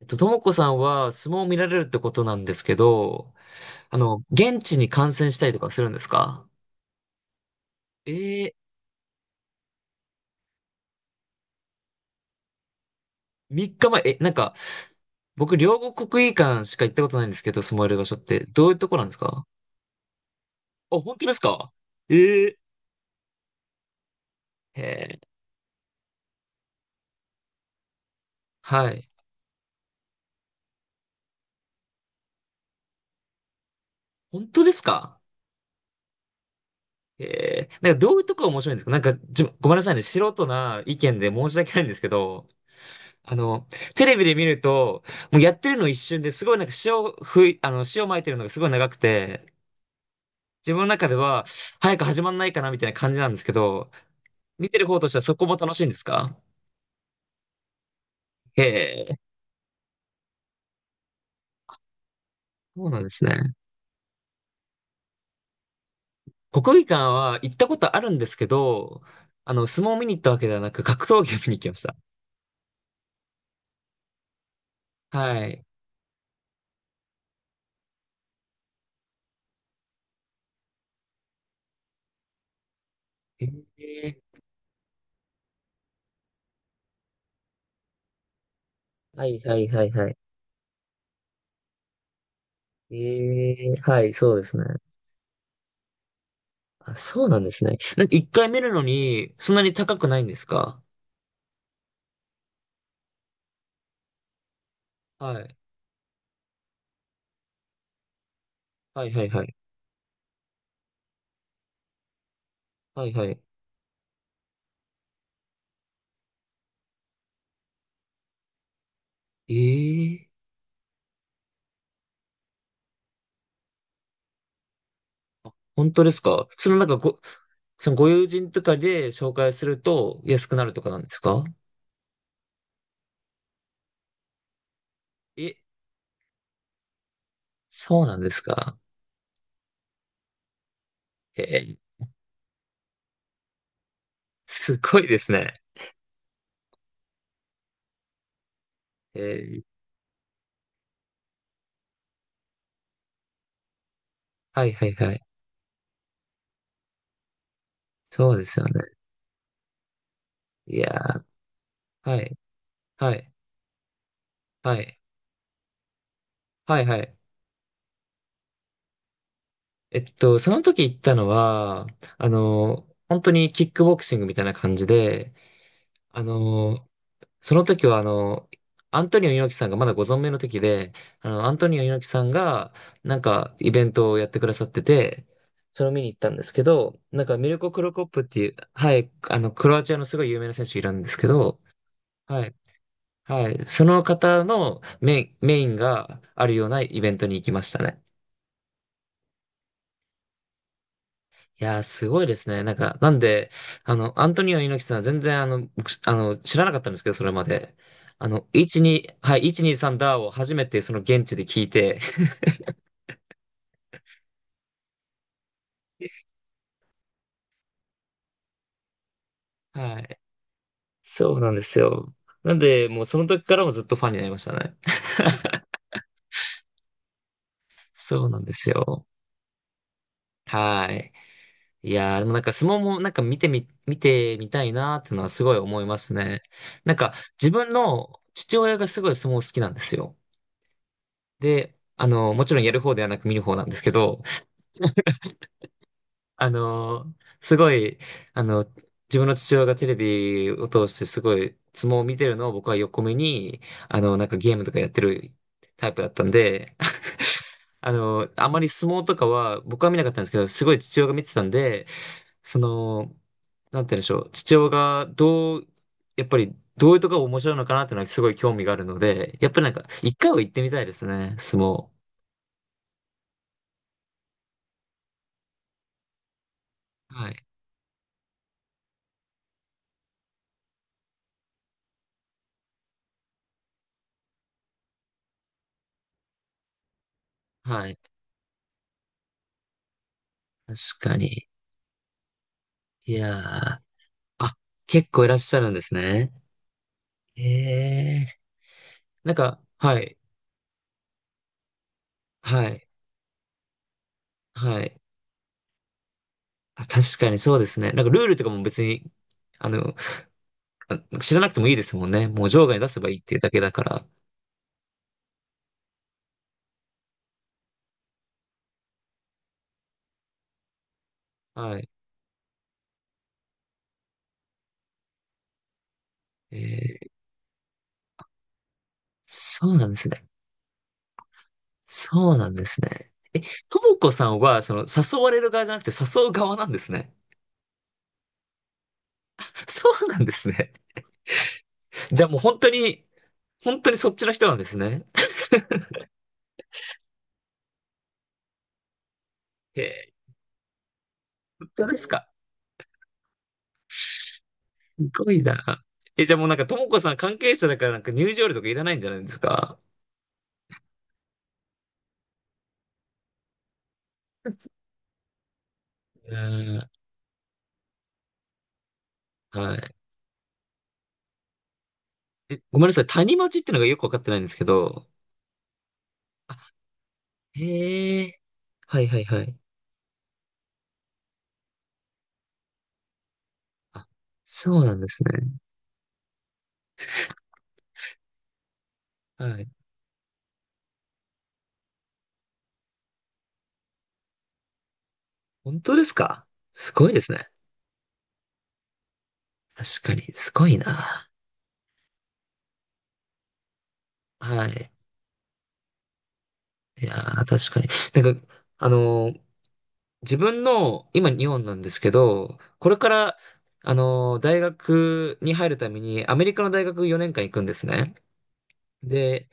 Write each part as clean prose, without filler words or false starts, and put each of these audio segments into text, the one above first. ともこさんは相撲を見られるってことなんですけど、現地に観戦したりとかするんですか？えー、3日前、なんか、僕、両国国技館しか行ったことないんですけど、相撲やる場所って、どういうとこなんですか？あ、本当ですか？えー、えー、はい。本当ですか？なんか、どういうとこが面白いんですか？なんか、ごめんなさいね、素人な意見で申し訳ないんですけど、あの、テレビで見ると、もうやってるの一瞬で、すごいなんか塩撒いてるのがすごい長くて、自分の中では、早く始まんないかなみたいな感じなんですけど、見てる方としてはそこも楽しいんですか？へえ、そうなんですね。国技館は行ったことあるんですけど、相撲を見に行ったわけではなく、格闘技を見に行きました。はい。ええ、はいはいはいはい。ええ、はい、そうですね。あ、そうなんですね。なんか一回見るのに、そんなに高くないんですか？はい。はいはいはい。はいはい。ええ、本当ですか？そのなんかご、そのご友人とかで紹介すると安くなるとかなんですか？え、そうなんですか？えー、すごいですね。えー、はいはいはい。そうですよね。いやー、はい、はい、はい、はい、はい。その時行ったのは、本当にキックボクシングみたいな感じで、あの、その時は、アントニオ猪木さんがまだご存命の時で、アントニオ猪木さんが、なんか、イベントをやってくださってて、それを見に行ったんですけど、なんか、ミルコ・クロコップっていう、はい、クロアチアのすごい有名な選手いるんですけど、はい、はい、その方のメインがあるようなイベントに行きましたね。いやー、すごいですね。なんか、なんで、アントニオ猪木さんは全然、僕、知らなかったんですけど、それまで。1、2、はい、1、2、3ダーを初めてその現地で聞いて、はい。そうなんですよ。なんで、もうその時からもずっとファンになりましたね。そうなんですよ。はい。いやー、でもなんか相撲もなんか見てみたいなーってのはすごい思いますね。なんか、自分の父親がすごい相撲好きなんですよ。で、もちろんやる方ではなく見る方なんですけど、あのーすごい、あの、自分の父親がテレビを通してすごい相撲を見てるのを僕は横目に、なんかゲームとかやってるタイプだったんで、あまり相撲とかは僕は見なかったんですけど、すごい父親が見てたんで、その、なんて言うんでしょう、父親がどう、やっぱりどういうとこが面白いのかなっていうのはすごい興味があるので、やっぱりなんか一回は行ってみたいですね、相撲。はい。はい。確かに。いやー。あ、結構いらっしゃるんですね。ええ。なんか、はい、はい、はい。あ、確かにそうですね。なんかルールとかも別に、あの、知らなくてもいいですもんね。もう場外に出せばいいっていうだけだから。はい。ええ、そうなんですね。そうなんですね。ともこさんは、その、誘われる側じゃなくて誘う側なんですね。そうなんですね。じゃあもう本当に、本当にそっちの人なんですね。ええ、本当ですか？すごいな。じゃあもうなんか、ともこさん関係者だからなんか入場料とかいらないんじゃないですか？うん。はい。え、ごめんなさい。谷町ってのがよくわかってないんですけど。あ、へえ。はいはいはい。あ、そうなんですね。はい。本当ですか？すごいですね。確かに。すごいな。はい。いやー、確かに。なんか、あのー自分の、今日本なんですけど、これから、大学に入るためにアメリカの大学4年間行くんですね。で、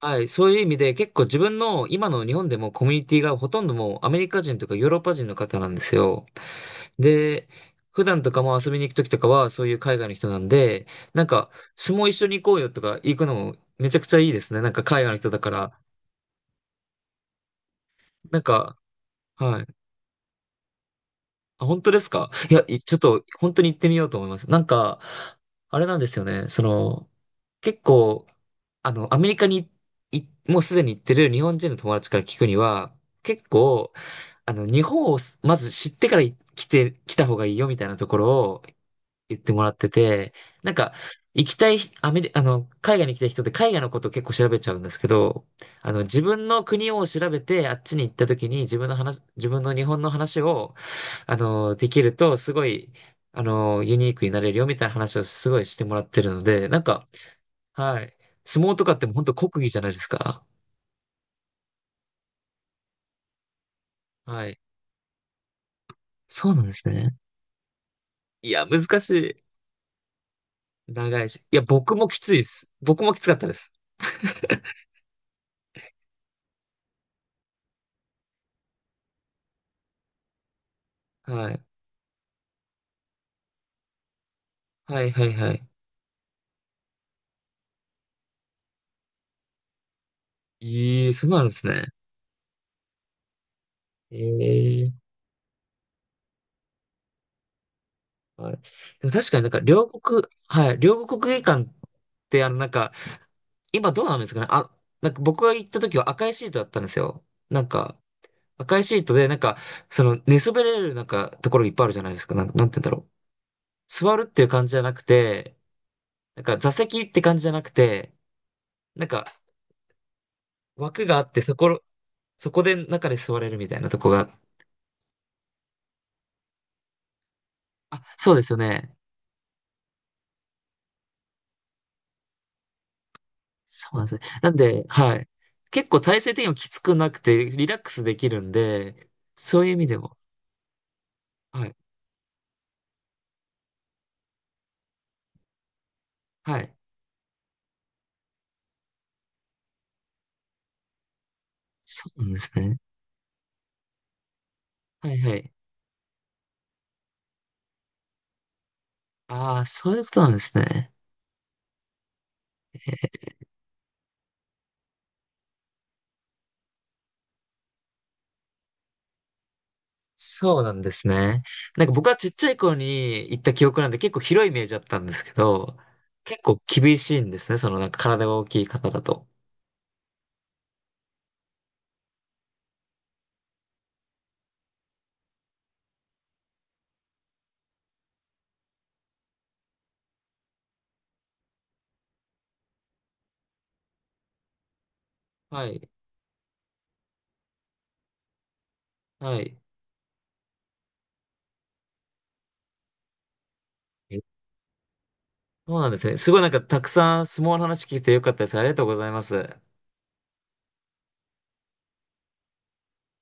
はい、そういう意味で結構自分の今の日本でもコミュニティがほとんどもうアメリカ人とかヨーロッパ人の方なんですよ。で、普段とかも遊びに行くときとかはそういう海外の人なんで、なんか相撲一緒に行こうよとか行くのもめちゃくちゃいいですね。なんか海外の人だから。なんか、はい。あ、本当ですか？いや、ちょっと、本当に行ってみようと思います。なんか、あれなんですよね。その、結構、アメリカにい、もうすでに行ってる日本人の友達から聞くには、結構、日本をすまず知ってから来た方がいいよみたいなところを言ってもらってて、なんか、行きたい、アメリ、あの、海外に行きたい人って海外のことを結構調べちゃうんですけど、自分の国を調べて、あっちに行った時に自分の日本の話を、できると、すごい、ユニークになれるよみたいな話をすごいしてもらってるので、なんか、はい。相撲とかってもう本当国技じゃないですか。はい。そうなんですね。いや、難しい。長いし。いや、僕もきついです。僕もきつかったです。はい。はい、はい、はい。ええ、そうなんですね。ええ、はい。でも確かになんか両国国技館ってなんか、今どうなんですかね。あ、なんか僕が行った時は赤いシートだったんですよ。なんか、赤いシートでなんか、その寝そべれるなんかところいっぱいあるじゃないですか。なんて言うんだろう。座るっていう感じじゃなくて、なんか座席って感じじゃなくて、なんか枠があってそこで中で座れるみたいなとこが、あ、そうですよね。そうなんですね。なんで、はい。結構体勢的にもきつくなくて、リラックスできるんで、そういう意味でも。はい。はい。そうなんですね。はいはい。ああ、そういうことなんですね。えーそうなんですね。なんか僕はちっちゃい頃に行った記憶なんで結構広いイメージだったんですけど、結構厳しいんですね。そのなんか体が大きい方だと。はい。はい。えそうなんですね。すごいなんかたくさん相撲の話聞いてよかったです。ありがとうございます。